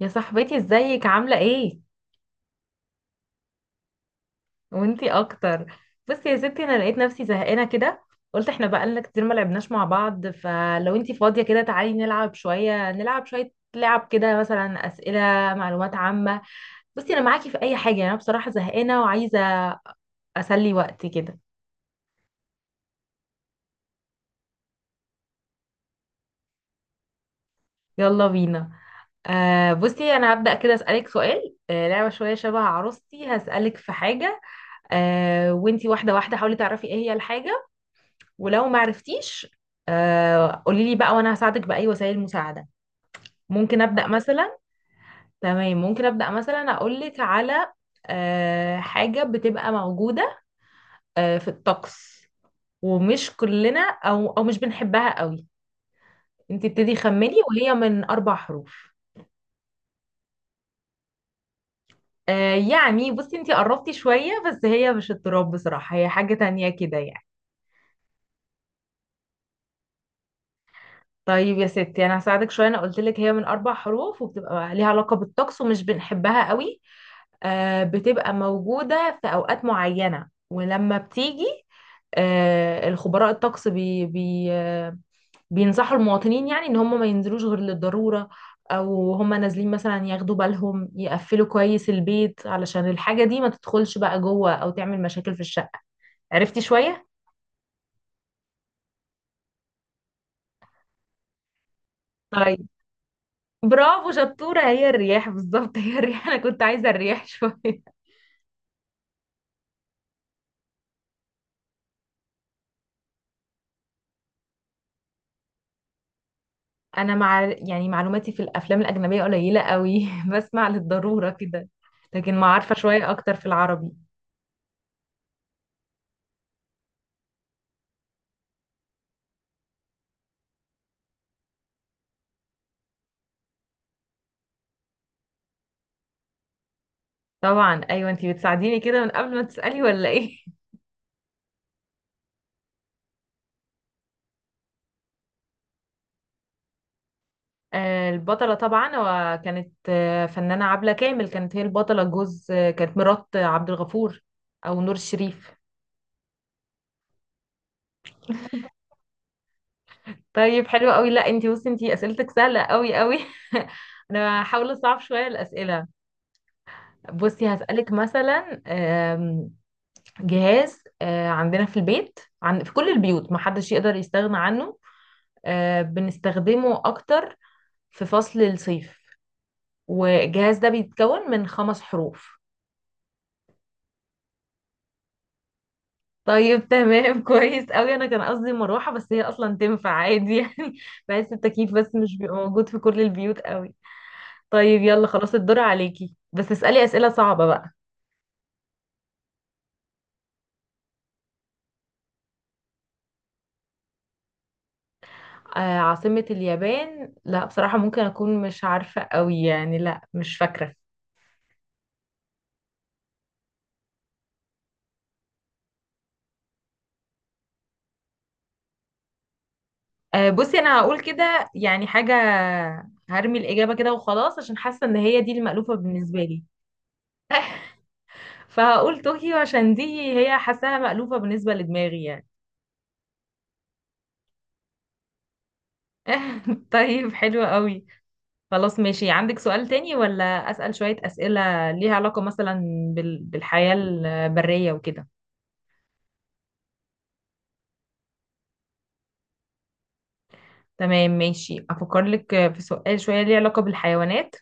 يا صاحبتي ازيك عاملة ايه؟ وانتي اكتر. بصي يا ستي انا لقيت نفسي زهقانة كده. قلت احنا بقالنا كتير ما لعبناش مع بعض، فلو انتي فاضية كده تعالي نلعب شوية، نلعب شوية لعب كده مثلا اسئلة معلومات عامة. بصي انا معاكي في اي حاجة، انا بصراحة زهقانة وعايزة اسلي وقتي كده. يلا بينا. بصي انا هبدأ كده اسألك سؤال، لعبة شوية شبه عروستي، هسألك في حاجة وانتي واحدة واحدة حاولي تعرفي ايه هي الحاجة، ولو ما عرفتيش قولي لي بقى وانا هساعدك باي وسائل المساعده. ممكن ابدا مثلا. تمام، ممكن ابدا مثلا اقول لك على حاجه بتبقى موجوده في الطقس، ومش كلنا او مش بنحبها قوي. انت ابتدي خمني، وهي من اربع حروف. يعني بصي انت قربتي شويه، بس هي مش التراب بصراحه، هي حاجه تانية كده يعني. طيب يا ستي انا هساعدك شويه، انا قلت لك هي من اربع حروف وبتبقى ليها علاقه بالطقس ومش بنحبها قوي. بتبقى موجودة في أوقات معينة ولما بتيجي، الخبراء الطقس بي بي آه، بينصحوا المواطنين يعني ان هم ما ينزلوش غير للضرورة، او هم نازلين مثلا ياخدوا بالهم يقفلوا كويس البيت علشان الحاجة دي ما تدخلش بقى جوه او تعمل مشاكل في الشقة. عرفتي شوية؟ طيب برافو شطورة، هي الرياح بالظبط، هي الرياح. انا كنت عايزة الرياح شوية. انا مع يعني معلوماتي في الافلام الاجنبيه قليله قوي، بسمع للضروره كده، لكن ما عارفه شويه اكتر في العربي. طبعا ايوه، انتي بتساعديني كده من قبل ما تسالي ولا ايه؟ البطله طبعا، وكانت فنانه عبله كامل كانت هي البطله، جوز كانت مرات عبد الغفور او نور الشريف. طيب حلو قوي، لا انتي بصي انتي اسئلتك سهله قوي قوي. انا هحاول اصعب شويه الاسئله. بصي هسالك مثلا جهاز عندنا في البيت في كل البيوت ما حدش يقدر يستغنى عنه، بنستخدمه اكتر في فصل الصيف، والجهاز ده بيتكون من خمس حروف. طيب تمام، كويس قوي، انا كان قصدي مروحة، بس هي اصلا تنفع عادي يعني، بحس التكييف بس مش بيبقى موجود في كل البيوت قوي. طيب يلا خلاص الدور عليكي، بس اسألي أسئلة صعبة بقى. عاصمة اليابان، لا بصراحة ممكن أكون مش عارفة قوي يعني، لا مش فاكرة. بصي انا هقول كده يعني حاجه، هرمي الاجابه كده وخلاص، عشان حاسه ان هي دي المألوفه بالنسبه لي. فهقول طوكيو، عشان دي هي حاساها مألوفه بالنسبه لدماغي يعني. طيب حلو قوي، خلاص ماشي، عندك سؤال تاني ولا اسأل شويه اسئله ليها علاقه مثلا بالحياه البريه وكده؟ تمام ماشي، افكر لك في سؤال شويه ليه علاقه بالحيوانات.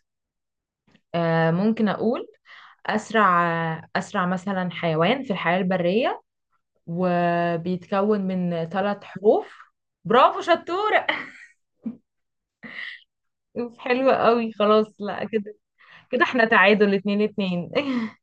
ممكن اقول اسرع، اسرع مثلا حيوان في الحياه البريه، وبيتكون من ثلاث حروف. برافو شطورة، أوف، حلوة قوي خلاص لا كده. كده احنا تعادل اتنين اتنين.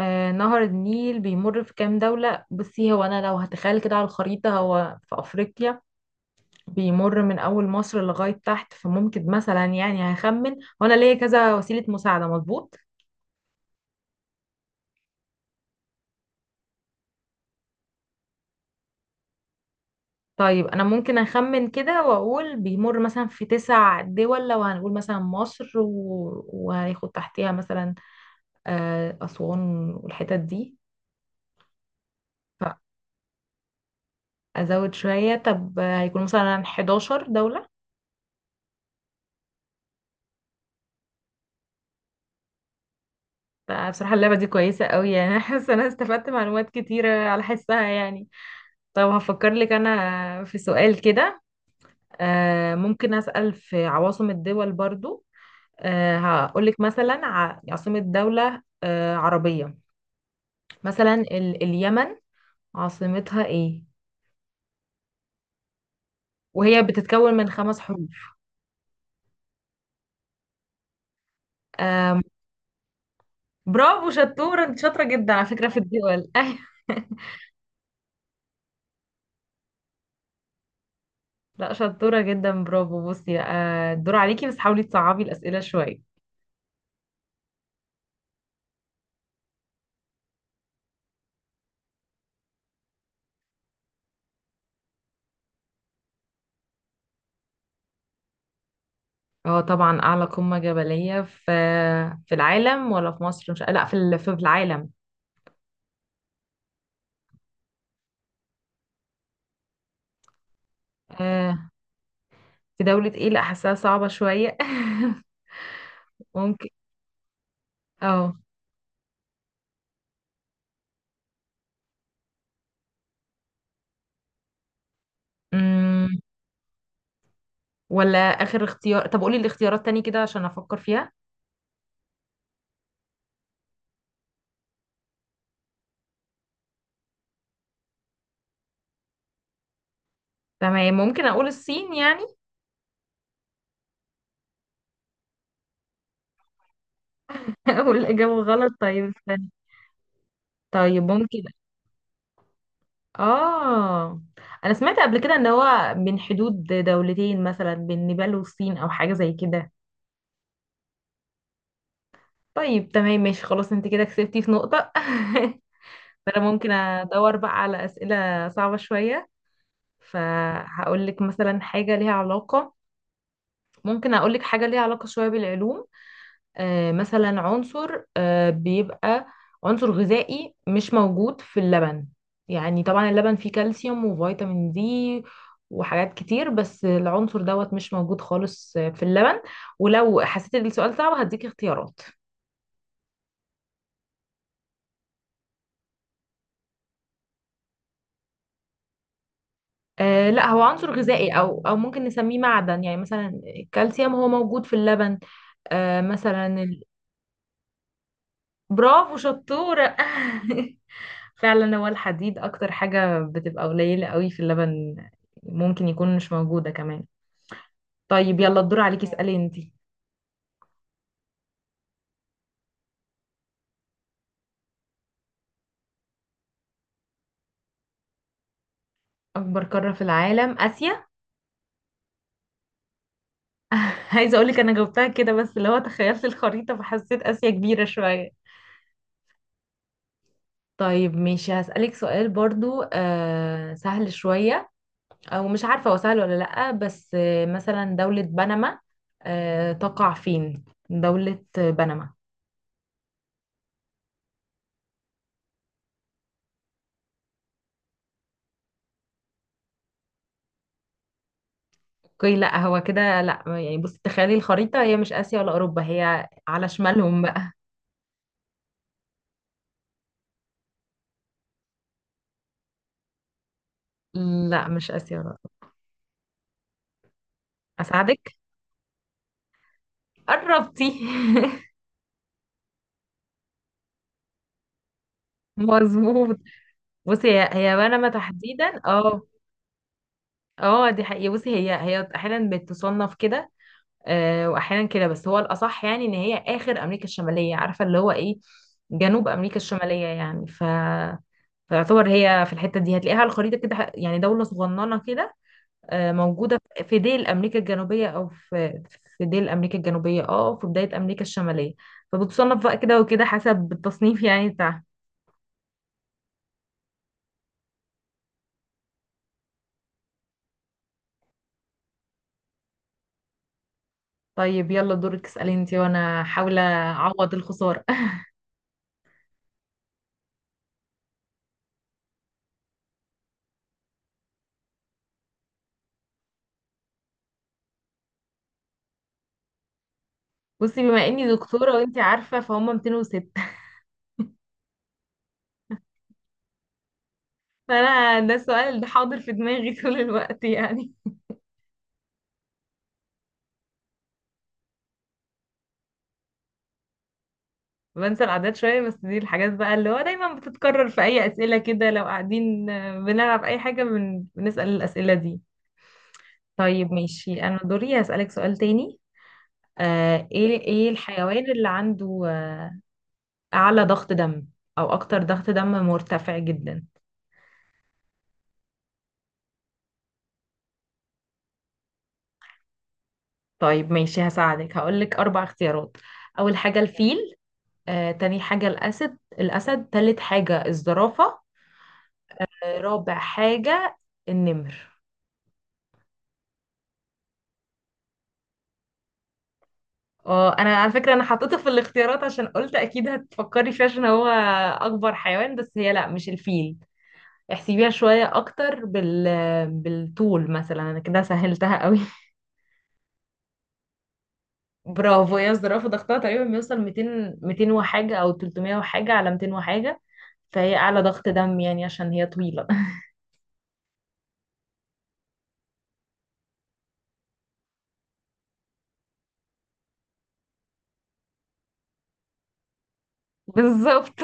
نهر النيل بيمر في كام دولة؟ بصي هو أنا لو هتخيل كده على الخريطة، هو في أفريقيا بيمر من أول مصر لغاية تحت، فممكن مثلا يعني هخمن، وأنا ليا كذا وسيلة مساعدة مظبوط. طيب أنا ممكن أخمن كده وأقول بيمر مثلا في تسع دول، لو هنقول مثلا مصر و... وهياخد تحتها مثلا أسوان والحتت دي. فأزود شوية، طب هيكون مثلا 11 دولة. بصراحة اللعبة دي كويسة قوي يعني، أنا حاسة أنا استفدت معلومات كتيرة على حسها يعني. طب هفكر لك أنا في سؤال كده. ممكن أسأل في عواصم الدول برضو. هقولك مثلا عاصمة دولة عربية، مثلا اليمن عاصمتها إيه، وهي بتتكون من خمس حروف. آه، برافو شطورة، انت شاطرة جدا على فكرة في الدول، ايوه. لا شطورة جدا، برافو بصي، الدور عليكي، بس حاولي تصعبي الأسئلة شوية. اه طبعا أعلى قمة جبلية في في العالم، ولا في مصر؟ مش لا في في العالم. آه، في دولة ايه؟ لا حاساها صعبة شوية. ممكن. اه. أمم، ولا آخر اختيار، طب قولي الاختيارات تاني كده عشان أفكر فيها. تمام، ممكن أقول الصين يعني. والإجابة غلط، طيب استني. طيب ممكن. اه، انا سمعت قبل كده ان هو من حدود دولتين، مثلا بين نيبال والصين او حاجه زي كده. طيب تمام ماشي خلاص، انت كده كسبتي في نقطه، فانا ممكن ادور بقى على اسئله صعبه شويه. فهقول لك مثلا حاجه ليها علاقه، ممكن اقول لك حاجه ليها علاقه شويه بالعلوم. مثلا عنصر بيبقى عنصر غذائي مش موجود في اللبن، يعني طبعا اللبن فيه كالسيوم وفيتامين دي وحاجات كتير، بس العنصر دوت مش موجود خالص في اللبن، ولو حسيت ان السؤال صعب هديك اختيارات. آه لا، هو عنصر غذائي او ممكن نسميه معدن، يعني مثلا الكالسيوم هو موجود في اللبن. آه مثلا برافو شطورة، فعلا هو الحديد اكتر حاجة بتبقى قليلة قوي في اللبن، ممكن يكون مش موجودة كمان. طيب يلا الدور عليكي، اسألي انتي. اكبر قارة في العالم اسيا. عايزة اقولك انا جاوبتها كده، بس اللي هو تخيلت الخريطة فحسيت اسيا كبيرة شوية. طيب ماشي، هسألك سؤال برضو آه سهل شوية، او مش عارفة هو سهل ولا لأ، بس آه مثلا دولة بنما تقع فين، دولة بنما؟ اوكي لا، هو كده لا يعني، بصي تخيلي الخريطة، هي مش آسيا ولا أوروبا، هي على شمالهم بقى. لا مش آسيا ولا أوروبا. أساعدك، قربتي. مظبوط، بصي هي بنما تحديدا اه. اه دي حقيقة، بصي هي أحيانا بتصنف كده وأحيانا كده، بس هو الأصح يعني إن هي آخر أمريكا الشمالية، عارفة اللي هو إيه، جنوب أمريكا الشمالية يعني ف فيعتبر هي في الحتة دي هتلاقيها على الخريطة كده يعني، دولة صغننة كده موجودة في ديل أمريكا الجنوبية، أو في في ديل أمريكا الجنوبية اه، وفي بداية أمريكا الشمالية، فبتصنف بقى كده وكده حسب التصنيف يعني بتاعها. طيب يلا دورك اسألي انتي، وانا حاولة اعوض الخسارة. بصي بما اني دكتورة وانتي عارفة فهم 206. فانا ده السؤال ده حاضر في دماغي طول الوقت يعني. بنسى الأعداد شوية، بس دي الحاجات بقى اللي هو دايما بتتكرر في أي أسئلة كده لو قاعدين بنلعب أي حاجة، بنسأل الأسئلة دي. طيب ماشي، أنا دوري هسألك سؤال تاني. ايه الحيوان اللي عنده اعلى ضغط دم، او اكتر ضغط دم مرتفع جدا؟ طيب ماشي هساعدك، هقولك اربع اختيارات، اول حاجة الفيل، تاني حاجة الاسد، تالت حاجة الزرافة، رابع حاجة النمر. اه انا على فكرة انا حطيته في الاختيارات عشان قلت اكيد هتفكري فيه، عشان هو اكبر حيوان، بس هي لا مش الفيل، احسبيها شوية اكتر بالطول مثلا، انا كده سهلتها قوي. برافو، هي الزرافة، ضغطها تقريبا بيوصل 200، 200 وحاجة أو 300 وحاجة على 200 وحاجة، فهي أعلى ضغط دم يعني عشان هي طويلة. بالظبط.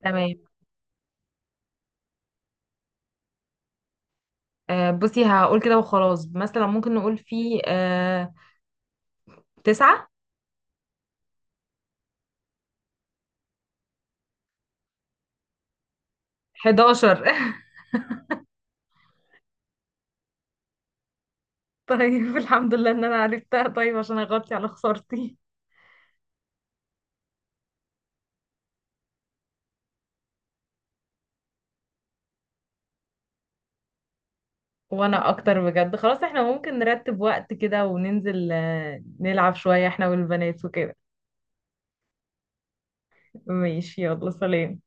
تمام، بصي هقول كده وخلاص، مثلا ممكن نقول في تسعة. 11. طيب الحمد لله إن أنا عرفتها، طيب عشان أغطي على خسارتي. وأنا أكتر بجد، خلاص احنا ممكن نرتب وقت كده وننزل نلعب شوية احنا والبنات وكده. ماشي، يلا سلام.